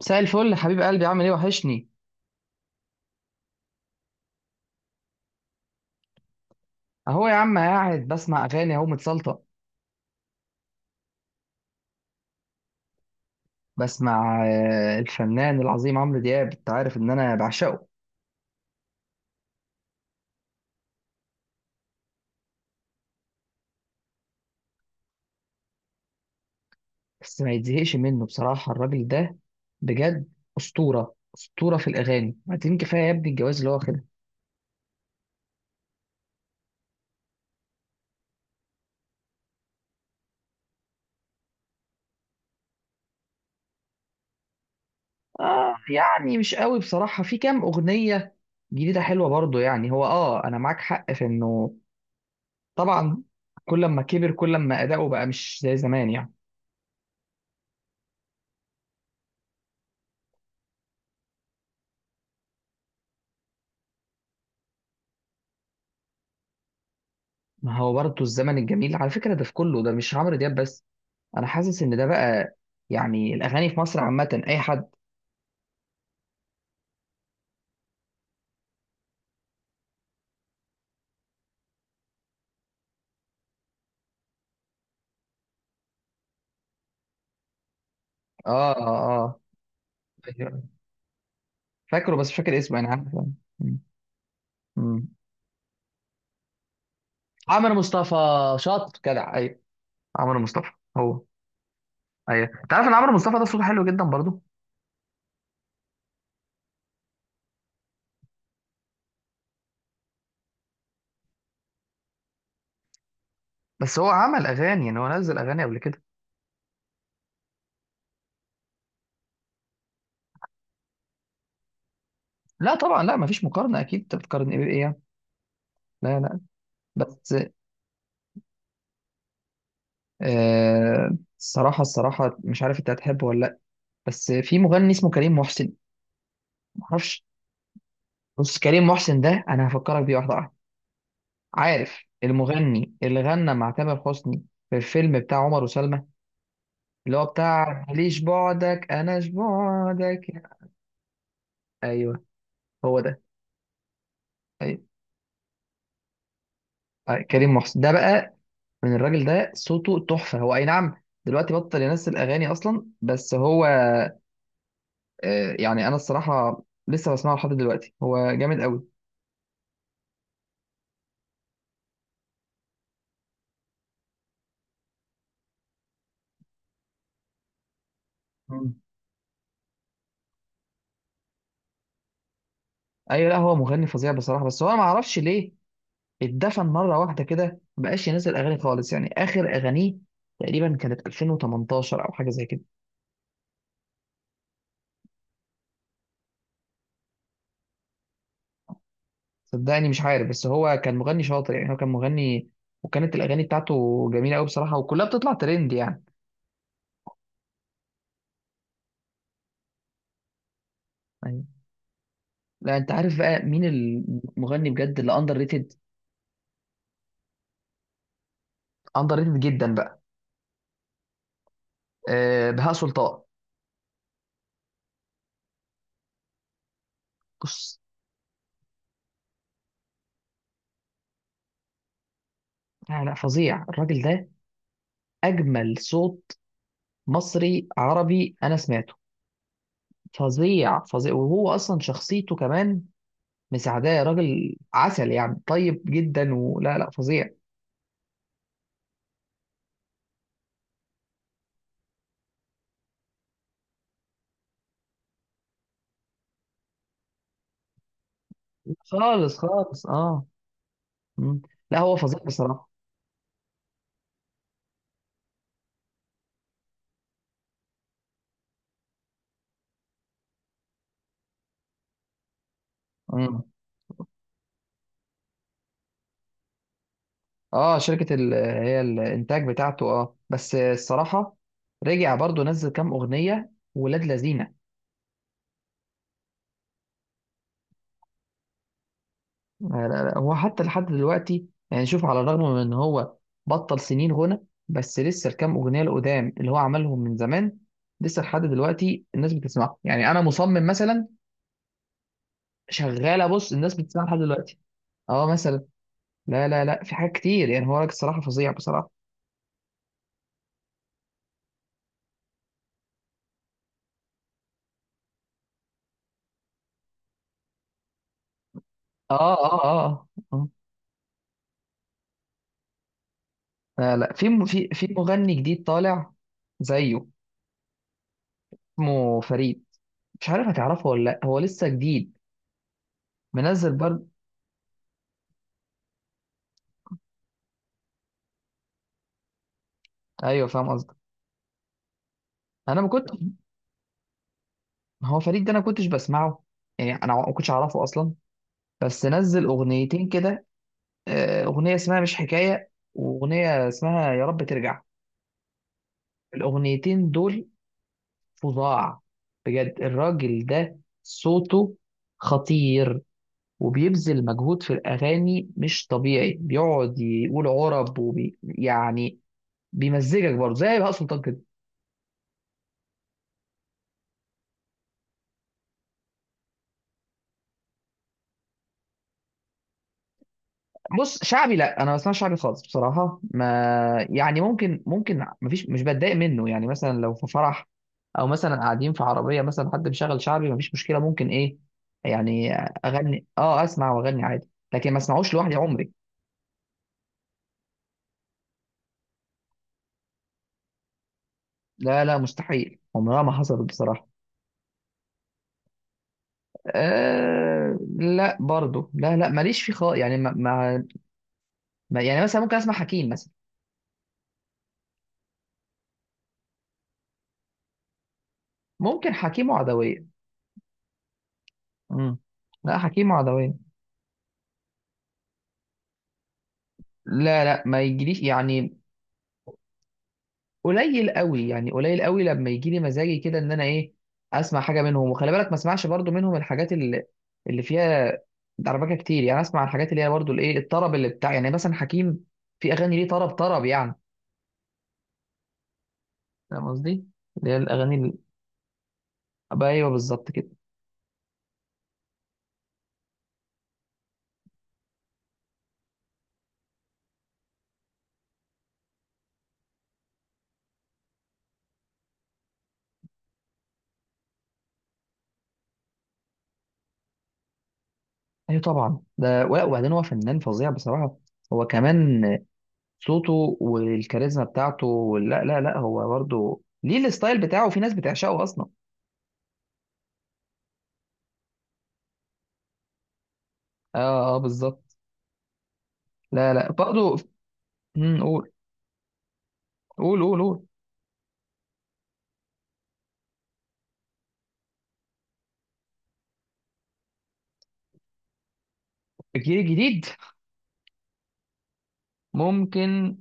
مساء الفل يا حبيب قلبي، عامل ايه؟ وحشني. اهو يا عم قاعد بسمع اغاني، اهو متسلطه. بسمع الفنان العظيم عمرو دياب. انت عارف ان انا بعشقه. بس ما يتزهقش منه بصراحه الراجل ده، بجد. اسطوره اسطوره في الاغاني. بعدين كفايه يا ابني الجواز اللي هو واخدها. اه يعني مش قوي بصراحه، في كام اغنيه جديده حلوه برضه. يعني هو، انا معاك حق في انه طبعا كل ما كبر كل ما اداؤه بقى مش زي زمان يعني. ما هو برضه الزمن الجميل على فكره ده، في كله ده مش عمرو دياب بس. انا حاسس ان ده بقى يعني الاغاني في مصر عامه اي حد. اه اه اه. أيوة. فاكره، بس مش فاكر اسمه، انا عارف. م- م. عمرو مصطفى، شاطر جدع. ايوه، عمرو مصطفى. هو. ايوه انت عارف ان عمرو مصطفى ده صوته حلو جدا برضه. بس هو عمل اغاني؟ يعني هو نزل اغاني قبل كده؟ لا طبعا، لا مفيش مقارنه، اكيد انت بتقارن ايه بايه يعني؟ لا لا. بس الصراحه الصراحه مش عارف انت هتحبه ولا لا، بس في مغني اسمه كريم محسن، معرفش. بص كريم محسن ده انا هفكرك بيه، واحده واحدة. عارف المغني اللي غنى مع تامر حسني في الفيلم بتاع عمر وسلمى، اللي هو بتاع ليش بعدك اناش بعدك ايوه هو ده. أيوة. أيوة. كريم محسن ده بقى، من الراجل ده صوته تحفة. هو اي نعم دلوقتي بطل ينزل اغاني اصلا، بس هو يعني انا الصراحة لسه بسمعه لحد دلوقتي، هو جامد قوي. مم. ايوه، لا هو مغني فظيع بصراحة، بس هو ما اعرفش ليه اتدفن مره واحده كده مبقاش ينزل اغاني خالص. يعني اخر اغانيه تقريبا كانت 2018 او حاجه زي كده. صدقني مش عارف، بس هو كان مغني شاطر، يعني هو كان مغني، وكانت الاغاني بتاعته جميله قوي بصراحه، وكلها بتطلع ترند يعني. أيوة. لا انت عارف بقى مين المغني بجد اللي اندر ريتد، اندر ريتد جدا بقى؟ أه، بهاء سلطان. بص، لا لا فظيع الراجل ده، اجمل صوت مصري عربي انا سمعته. فظيع فظيع. وهو اصلا شخصيته كمان مساعداه، يا راجل عسل يعني، طيب جدا، ولا لا فظيع. خالص خالص، اه. مم. لا هو فظيع بصراحه. مم. اه، شركه هي الانتاج بتاعته، اه، بس الصراحه رجع برضو، نزل كام اغنيه ولاد لذينه. لا لا لا. هو حتى لحد دلوقتي يعني شوف، على الرغم من ان هو بطل سنين غنى، بس لسه الكام اغنيه القدام اللي هو عملهم من زمان لسه لحد دلوقتي الناس بتسمعها، يعني انا مصمم مثلا شغاله. بص، الناس بتسمعها لحد دلوقتي. اه، مثلا لا لا لا، في حاجات كتير يعني. هو راجل الصراحه فظيع بصراحه. اه اه اه. آه. لا لا في م- في في مغني جديد طالع زيه، اسمه فريد. مش عارف هتعرفه ولا لا، هو لسه جديد منزل برضه. ايوه فاهم قصدك. انا ما كنت هو فريد ده انا ما كنتش بسمعه، يعني انا ما كنتش اعرفه اصلا، بس نزل اغنيتين كده. اغنيه اسمها مش حكايه واغنيه اسمها يا رب ترجع، الاغنيتين دول فظاع. بجد الراجل ده صوته خطير، وبيبذل مجهود في الأغاني مش طبيعي، بيقعد يقول عرب وبي يعني، بيمزجك برضه زي بهاء سلطان كده. بص شعبي، لا انا ما بسمعش شعبي خالص بصراحه، ما يعني ممكن ممكن مفيش مش بتضايق منه، يعني مثلا لو في فرح او مثلا قاعدين في عربيه مثلا حد مشغل شعبي مفيش مشكله ممكن ايه يعني، اغني، اه اسمع واغني عادي، لكن ما اسمعوش لوحدي عمري. لا لا مستحيل، عمرها ما حصلت بصراحه. آه، لا برضو، لا لا ماليش فيه خالص، يعني يعني مثلا ممكن اسمع حكيم مثلا. ممكن حكيم وعدوية. امم. لا، حكيم وعدوية لا لا ما يجيليش يعني، قليل قوي يعني قليل قوي لما يجي لي مزاجي كده ان انا ايه اسمع حاجة منهم، وخلي بالك ما اسمعش برضو منهم الحاجات اللي فيها دربكة كتير، يعني اسمع الحاجات اللي هي برضو الايه الطرب اللي بتاع، يعني مثلا حكيم في اغاني ليه طرب طرب يعني. فاهم قصدي؟ اللي هي الاغاني اللي... أبقى ايوه بالظبط كده. ايوه طبعا، ده وبعدين هو فنان فظيع بصراحة. هو كمان صوته والكاريزما بتاعته لا لا لا، هو برضه ليه الستايل بتاعه، في ناس بتعشقه اصلا. اه اه بالظبط. لا لا برضه. مم، قول قول قول قول. الجيل الجديد ممكن.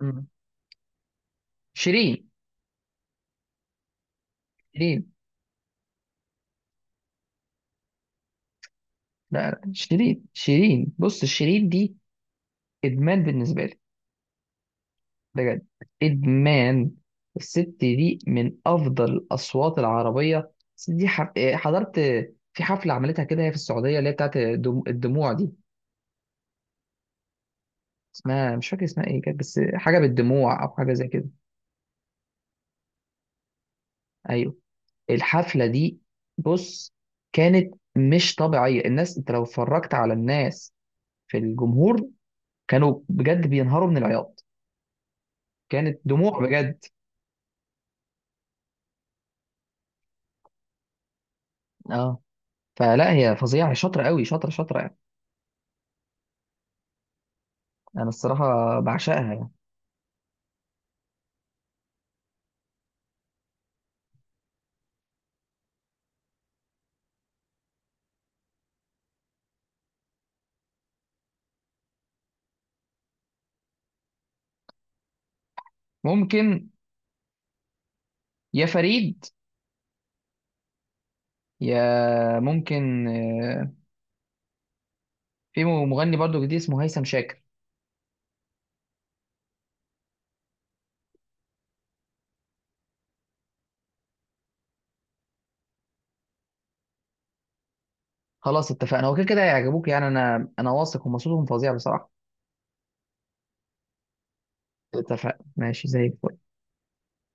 مم. شيرين. شيرين. لا لا، شيرين شيرين، بص شيرين دي ادمان بالنسبه لي، بجد ادمان. الست دي من افضل الاصوات العربيه. الست دي حضرت في حفله عملتها كده هي في السعوديه، اللي هي بتاعت الدموع دي، اسمها مش فاكر اسمها ايه كانت، بس حاجه بالدموع او حاجه زي كده. ايوه، الحفله دي، بص، كانت مش طبيعيه. الناس، انت لو اتفرجت على الناس في الجمهور، كانوا بجد بينهاروا من العياط، كانت دموع بجد. اه. فلا، هي فظيعه، هي شاطره قوي، شاطره شاطره يعني، انا الصراحه بعشقها يعني. ممكن يا فريد، يا ممكن. في مغني برضو جديد اسمه هيثم شاكر. خلاص اتفقنا، هو كده كده هيعجبوك، يعني انا واثق هم صوتهم فظيع بصراحه. اتفقنا، ماشي زي الفل.